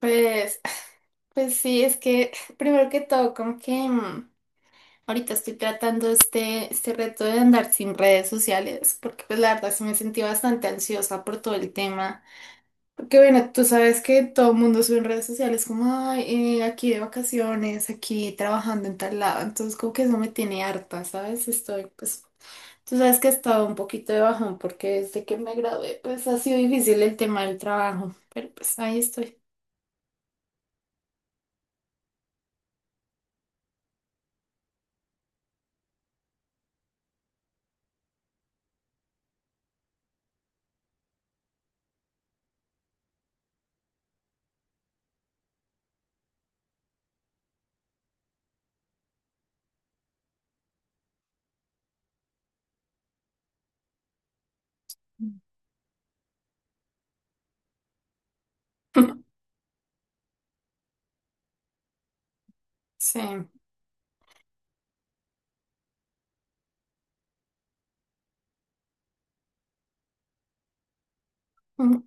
Pues, pues sí, es que primero que todo, ahorita estoy tratando este reto de andar sin redes sociales, porque pues la verdad sí me sentí bastante ansiosa por todo el tema. Porque bueno, tú sabes que todo el mundo sube en redes sociales como, "Ay, aquí de vacaciones, aquí trabajando en tal lado, entonces como que eso me tiene harta, ¿sabes?" Estoy pues... Tú sabes que he estado un poquito de bajón porque desde que me gradué pues ha sido difícil el tema del trabajo, pero pues ahí estoy. Sí. Mm,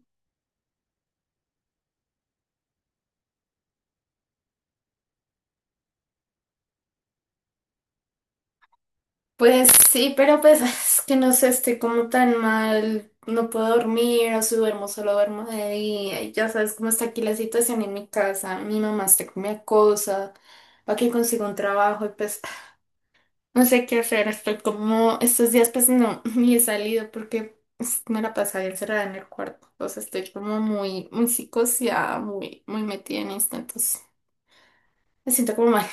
pues sí, pero pues es que no sé, estoy como tan mal, no puedo dormir, o si duermo, solo duermo de día, y ya sabes cómo está aquí la situación en mi casa, mi mamá está con mi acosa, para que consiga un trabajo, y pues no sé qué hacer, estoy como, estos días pues no, ni he salido porque pues, me la pasaba encerrada en el cuarto, o sea, estoy como muy psicoseada, muy metida en esto, entonces me siento como mal.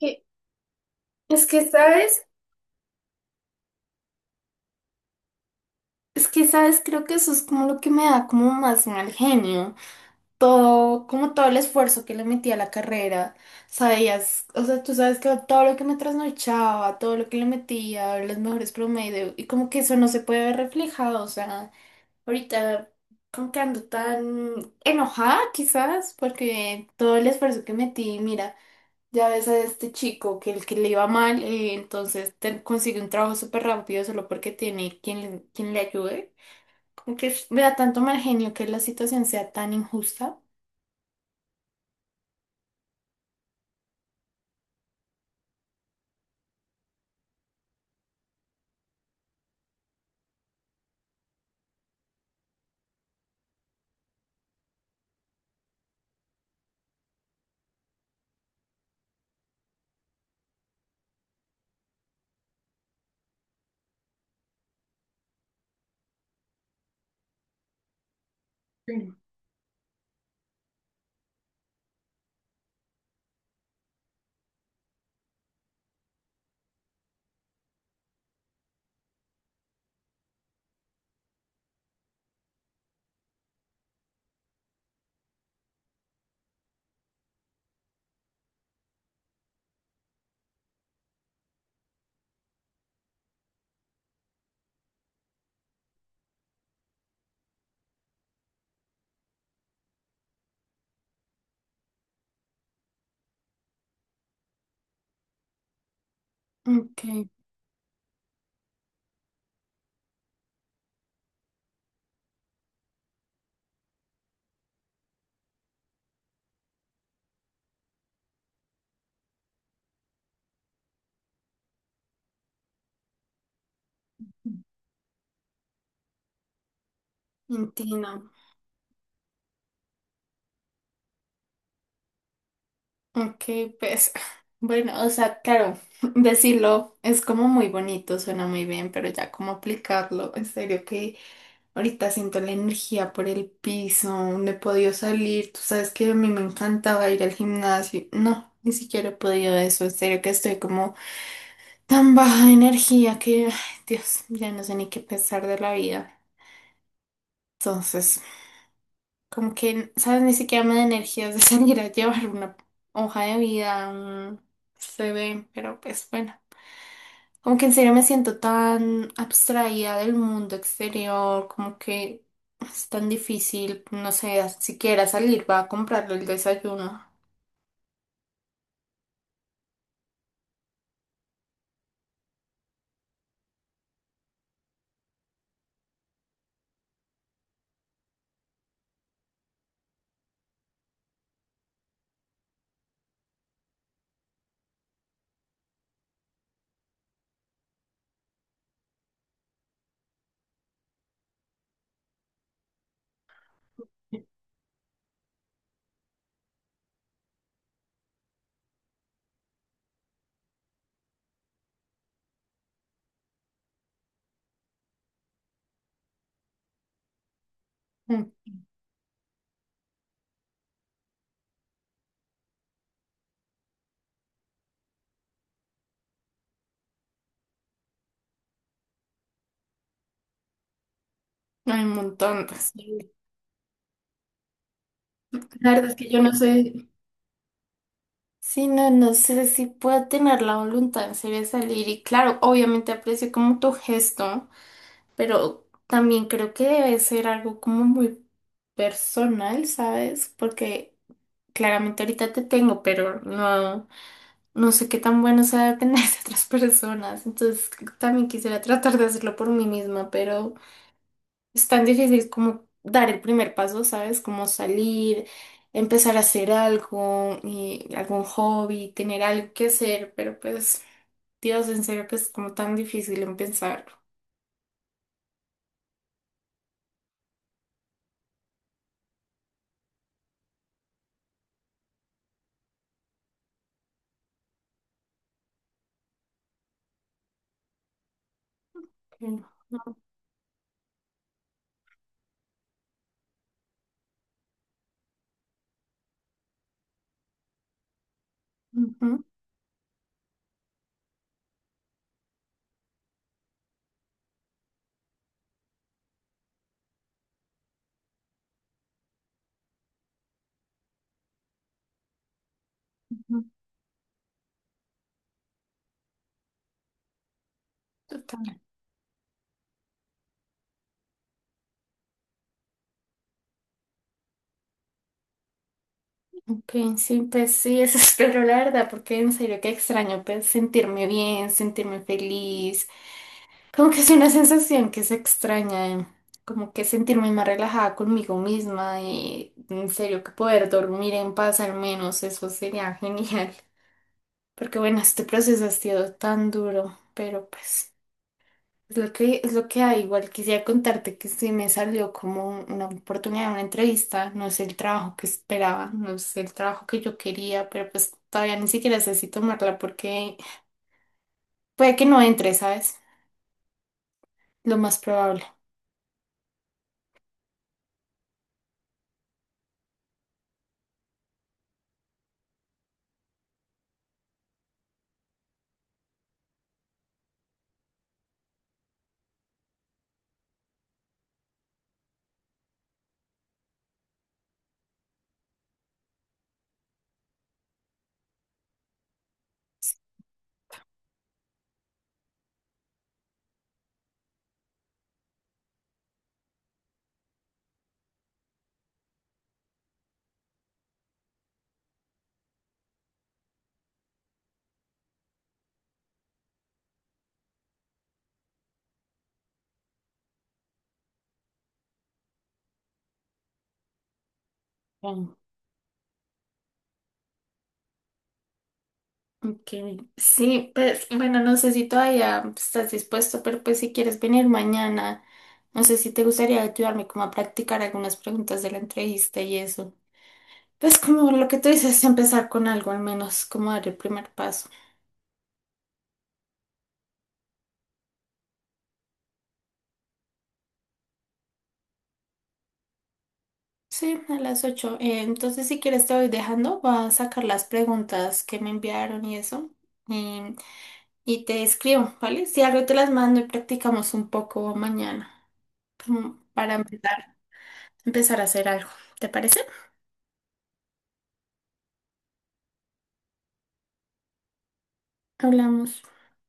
Y Es que, ¿sabes? Es que, ¿sabes? Creo que eso es como lo que me da como más mal genio. Todo, como todo el esfuerzo que le metí a la carrera. Sabías, o sea, tú sabes que todo lo que me trasnochaba, todo lo que le metía, los mejores promedios, y como que eso no se puede ver reflejado. O sea, ahorita como que ando tan enojada quizás, porque todo el esfuerzo que metí, mira, ya ves a este chico que el que le iba mal, entonces consigue un trabajo súper rápido solo porque tiene quien, quien le ayude. Que vea tanto mal genio que la situación sea tan injusta. Sí. Ok, entiendo. Ok, pues bueno, o sea, claro, decirlo es como muy bonito, suena muy bien, pero ya cómo aplicarlo, en serio que ahorita siento la energía por el piso, no he podido salir, tú sabes que a mí me encantaba ir al gimnasio, no, ni siquiera he podido eso, en serio que estoy como tan baja de energía que, ay, Dios, ya no sé ni qué pensar de la vida. Entonces... Como que, ¿sabes? Ni siquiera me da energías de salir a llevar una hoja de vida, un CV, pero pues bueno. Como que en serio me siento tan abstraída del mundo exterior, como que es tan difícil, no sé, siquiera salir va a comprarle el desayuno. Mm, hay un montón. Sí. La verdad es que yo no sé. Sí, no, no sé si puedo tener la voluntad en serio de salir. Y claro, obviamente aprecio como tu gesto. Pero también creo que debe ser algo como muy personal, ¿sabes? Porque claramente ahorita te tengo, pero no, no sé qué tan bueno sea tener a otras personas. Entonces también quisiera tratar de hacerlo por mí misma, pero es tan difícil como dar el primer paso, ¿sabes? Como salir, empezar a hacer algo, y algún hobby, tener algo que hacer, pero pues, Dios, en serio que es como tan difícil en pensarlo. Ujú. Ujú, total. Ok, sí, pues sí, eso espero la verdad, porque en serio que extraño pues sentirme bien, sentirme feliz, como que es una sensación que se extraña, como que sentirme más relajada conmigo misma y en serio que poder dormir en paz al menos, eso sería genial, porque bueno, este proceso ha sido tan duro, pero pues... Es lo que hay. Igual quisiera contarte que sí me salió como una oportunidad, una entrevista. No es el trabajo que esperaba, no es el trabajo que yo quería, pero pues todavía ni siquiera sé si tomarla porque puede que no entre, ¿sabes? Lo más probable. Mm. Ok, sí, pues bueno, no sé si todavía estás dispuesto, pero pues si quieres venir mañana, no sé si te gustaría ayudarme como a practicar algunas preguntas de la entrevista y eso. Pues como lo que tú dices, empezar con algo al menos, como dar el primer paso. Sí, a las 8. Entonces, si quieres, te voy dejando. Voy a sacar las preguntas que me enviaron y eso. em, y te escribo, ¿vale? Si algo te las mando y practicamos un poco mañana, como para empezar, empezar a hacer algo. ¿Te parece? Hablamos.